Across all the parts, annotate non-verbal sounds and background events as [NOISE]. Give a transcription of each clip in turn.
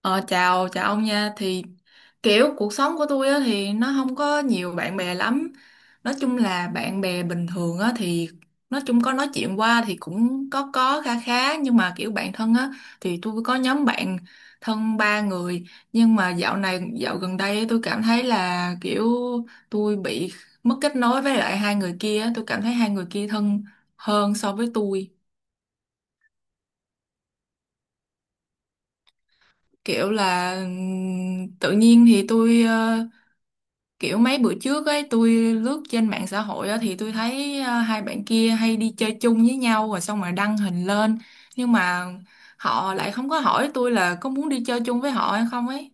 Ờ, chào chào ông nha. Thì kiểu cuộc sống của tôi á, thì nó không có nhiều bạn bè lắm. Nói chung là bạn bè bình thường á, thì nói chung có nói chuyện qua thì cũng có kha khá, nhưng mà kiểu bạn thân á thì tôi có nhóm bạn thân ba người. Nhưng mà dạo gần đây tôi cảm thấy là kiểu tôi bị mất kết nối với lại hai người kia á. Tôi cảm thấy hai người kia thân hơn so với tôi. Kiểu là tự nhiên thì kiểu mấy bữa trước ấy tôi lướt trên mạng xã hội á, thì tôi thấy hai bạn kia hay đi chơi chung với nhau rồi xong rồi đăng hình lên, nhưng mà họ lại không có hỏi tôi là có muốn đi chơi chung với họ hay không ấy.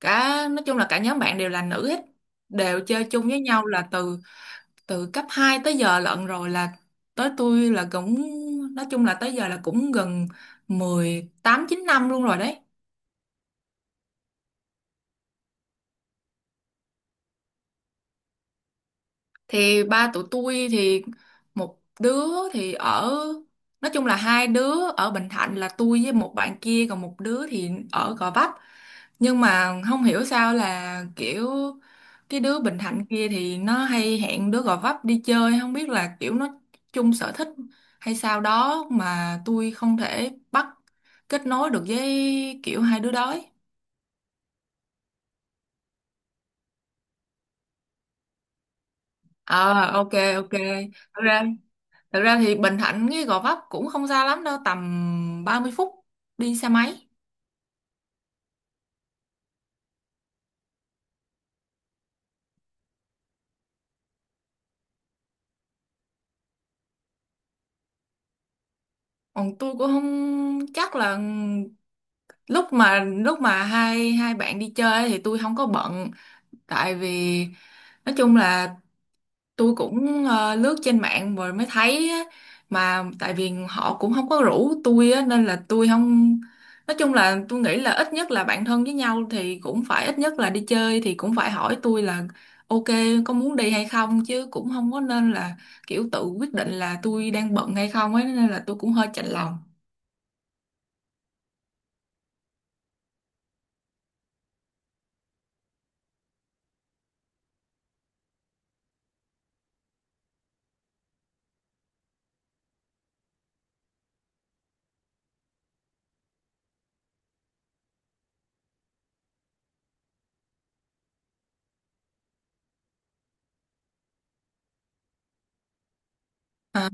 Cả nói chung là cả nhóm bạn đều là nữ hết, đều chơi chung với nhau là từ từ cấp 2 tới giờ lận rồi, là tới tôi là cũng nói chung là tới giờ là cũng gần 18, 19 năm luôn rồi đấy. Thì ba tụi tôi thì một đứa thì ở, nói chung là hai đứa ở Bình Thạnh là tôi với một bạn kia, còn một đứa thì ở Gò Vấp. Nhưng mà không hiểu sao là kiểu cái đứa Bình Thạnh kia thì nó hay hẹn đứa Gò Vấp đi chơi, không biết là kiểu nó chung sở thích hay sao đó mà tôi không thể bắt kết nối được với kiểu hai đứa đó ấy. Ờ, ok, ok. Thật ra Thật ra thì Bình Thạnh cái Gò Vấp cũng không xa lắm đâu, tầm 30 phút đi xe máy. Còn tôi cũng không chắc là lúc mà hai hai bạn đi chơi ấy thì tôi không có bận, tại vì nói chung là tôi cũng lướt trên mạng rồi mới thấy á, mà tại vì họ cũng không có rủ tôi á, nên là tôi không, nói chung là tôi nghĩ là ít nhất là bạn thân với nhau thì cũng phải ít nhất là đi chơi thì cũng phải hỏi tôi là ok có muốn đi hay không chứ, cũng không có, nên là kiểu tự quyết định là tôi đang bận hay không ấy, nên là tôi cũng hơi chạnh lòng. À.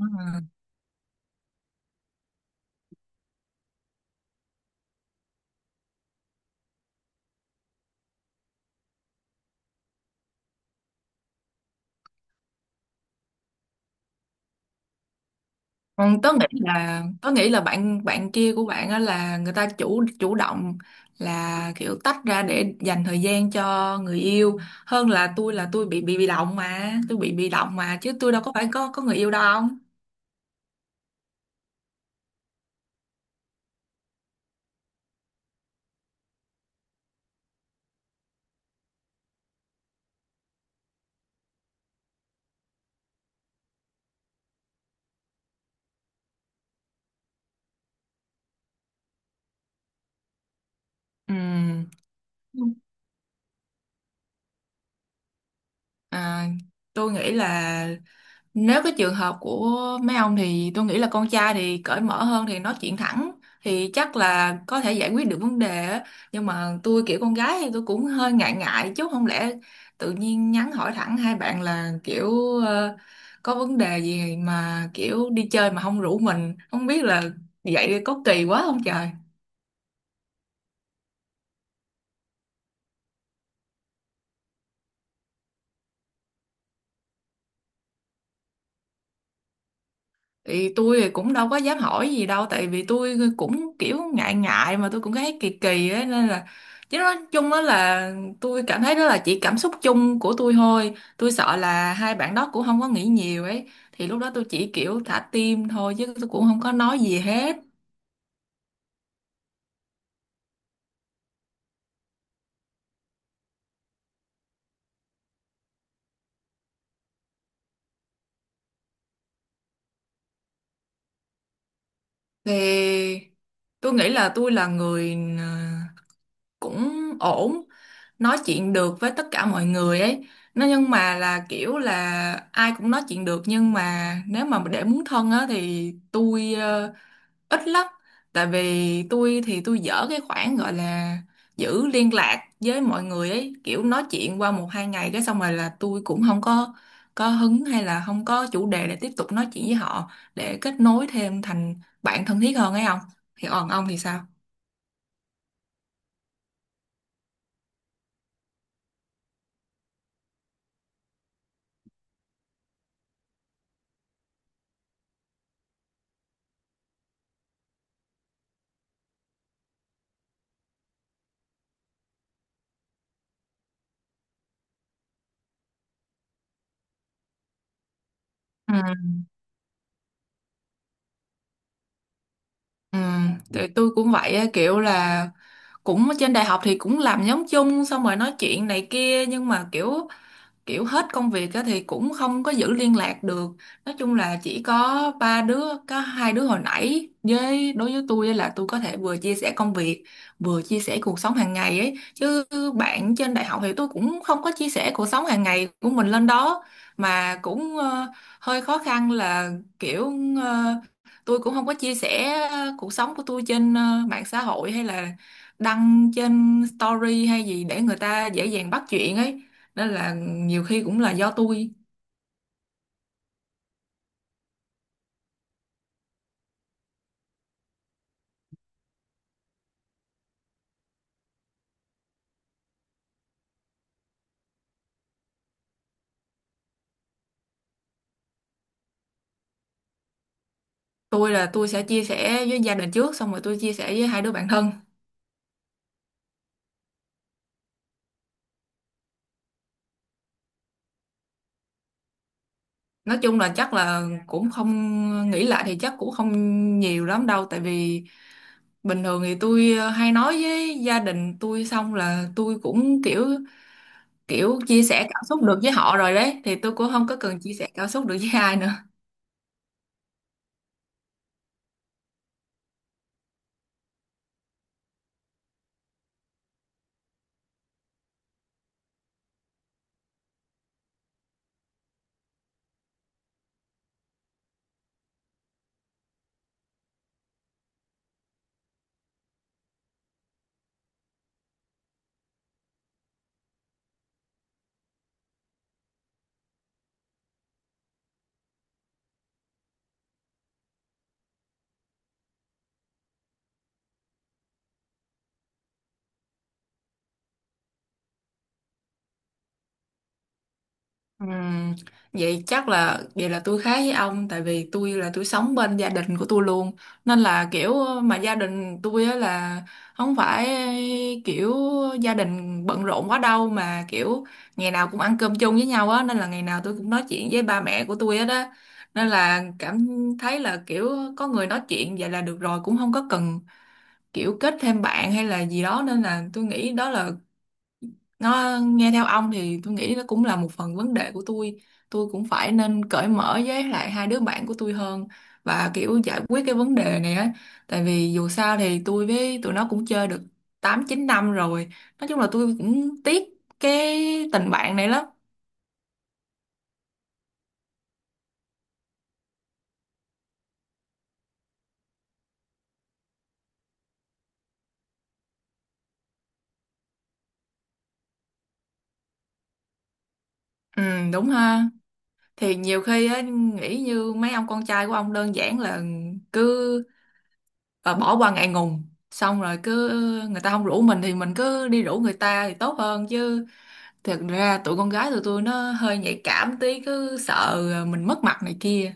Ừ, tớ nghĩ là bạn bạn kia của bạn á là người ta chủ chủ động, là kiểu tách ra để dành thời gian cho người yêu, hơn là tôi bị động, mà tôi bị động mà, chứ tôi đâu có phải có người yêu đâu không. Ừ. À, tôi nghĩ là nếu cái trường hợp của mấy ông thì tôi nghĩ là con trai thì cởi mở hơn thì nói chuyện thẳng thì chắc là có thể giải quyết được vấn đề á. Nhưng mà tôi kiểu con gái thì tôi cũng hơi ngại ngại, chứ không lẽ tự nhiên nhắn hỏi thẳng hai bạn là kiểu ờ, có vấn đề gì mà kiểu đi chơi mà không rủ mình, không biết là vậy có kỳ quá không trời. Thì tôi thì cũng đâu có dám hỏi gì đâu, tại vì tôi cũng kiểu ngại ngại mà tôi cũng thấy kỳ kỳ ấy, nên là, chứ nói chung đó là, tôi cảm thấy đó là chỉ cảm xúc chung của tôi thôi, tôi sợ là hai bạn đó cũng không có nghĩ nhiều ấy, thì lúc đó tôi chỉ kiểu thả tim thôi chứ tôi cũng không có nói gì hết. Thì tôi nghĩ là tôi là người cũng ổn, nói chuyện được với tất cả mọi người ấy. Nó nhưng mà là kiểu là ai cũng nói chuyện được, nhưng mà nếu mà để muốn thân á thì tôi ít lắm, tại vì tôi thì tôi dở cái khoản gọi là giữ liên lạc với mọi người ấy, kiểu nói chuyện qua 1, 2 ngày cái xong rồi là tôi cũng không có hứng hay là không có chủ đề để tiếp tục nói chuyện với họ, để kết nối thêm thành bạn thân thiết hơn ấy, không. Thì còn ông thì sao? Ừ, tụi tôi cũng vậy á, kiểu là cũng ở trên đại học thì cũng làm nhóm chung xong rồi nói chuyện này kia, nhưng mà kiểu kiểu hết công việc á, thì cũng không có giữ liên lạc được. Nói chung là chỉ có ba đứa, có hai đứa hồi nãy với đối với tôi á, là tôi có thể vừa chia sẻ công việc vừa chia sẻ cuộc sống hàng ngày ấy. Chứ bạn trên đại học thì tôi cũng không có chia sẻ cuộc sống hàng ngày của mình lên đó. Mà cũng hơi khó khăn là kiểu ờ, tôi cũng không có chia sẻ cuộc sống của tôi trên mạng xã hội hay là đăng trên story hay gì để người ta dễ dàng bắt chuyện ấy, nên là nhiều khi cũng là do tôi. Tôi là tôi sẽ chia sẻ với gia đình trước xong rồi tôi chia sẻ với hai đứa bạn thân. Nói chung là chắc là cũng không, nghĩ lại thì chắc cũng không nhiều lắm đâu, tại vì bình thường thì tôi hay nói với gia đình tôi xong là tôi cũng kiểu kiểu chia sẻ cảm xúc được với họ rồi đấy, thì tôi cũng không có cần chia sẻ cảm xúc được với ai nữa. Ừm, vậy chắc là vậy là tôi khác với ông, tại vì tôi là tôi sống bên gia đình của tôi luôn, nên là kiểu, mà gia đình tôi á là không phải kiểu gia đình bận rộn quá đâu, mà kiểu ngày nào cũng ăn cơm chung với nhau á, nên là ngày nào tôi cũng nói chuyện với ba mẹ của tôi hết á, nên là cảm thấy là kiểu có người nói chuyện vậy là được rồi, cũng không có cần kiểu kết thêm bạn hay là gì đó. Nên là tôi nghĩ đó là, nó nghe theo ông thì tôi nghĩ nó cũng là một phần vấn đề của tôi cũng phải nên cởi mở với lại hai đứa bạn của tôi hơn, và kiểu giải quyết cái vấn đề này á, tại vì dù sao thì tôi với tụi nó cũng chơi được 8, 9 năm rồi. Nói chung là tôi cũng tiếc cái tình bạn này lắm. Ừ đúng ha. Thì nhiều khi á nghĩ như mấy ông con trai của ông, đơn giản là cứ bỏ qua ngại ngùng, xong rồi cứ người ta không rủ mình thì mình cứ đi rủ người ta thì tốt hơn chứ. Thật ra tụi con gái tụi tôi nó hơi nhạy cảm tí, cứ sợ mình mất mặt này kia.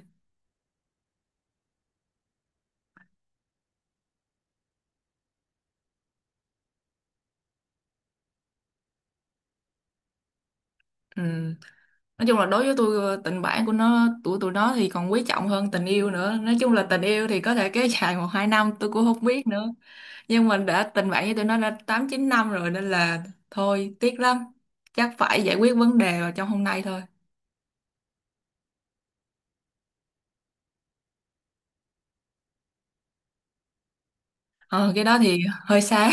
Ừ. Nói chung là đối với tôi tình bạn của nó tụi tụi nó thì còn quý trọng hơn tình yêu nữa. Nói chung là tình yêu thì có thể kéo dài 1, 2 năm tôi cũng không biết nữa. Nhưng mình đã tình bạn với tụi nó đã 8, 9 năm rồi nên là thôi tiếc lắm. Chắc phải giải quyết vấn đề vào trong hôm nay thôi. Ờ cái đó thì hơi xa.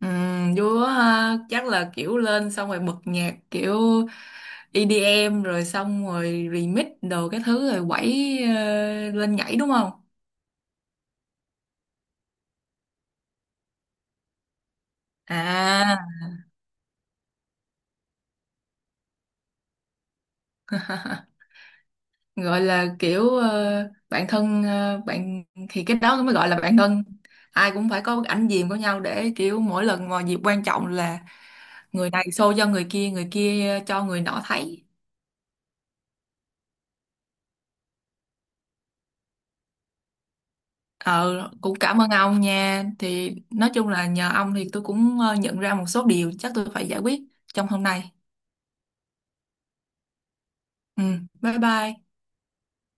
Ừ, vui quá ha. Chắc là kiểu lên xong rồi bật nhạc kiểu EDM rồi xong rồi remix đồ cái thứ rồi quẩy lên nhảy đúng không? À. [LAUGHS] Gọi là kiểu ờ, bạn thân ờ, bạn thì cái đó mới gọi là bạn thân. Ai cũng phải có ảnh diệm của nhau để kiểu mỗi lần mà dịp quan trọng là người này show cho người kia cho người nọ thấy. Ờ, cũng cảm ơn ông nha. Thì nói chung là nhờ ông thì tôi cũng nhận ra một số điều, chắc tôi phải giải quyết trong hôm nay. Ừ, bye bye.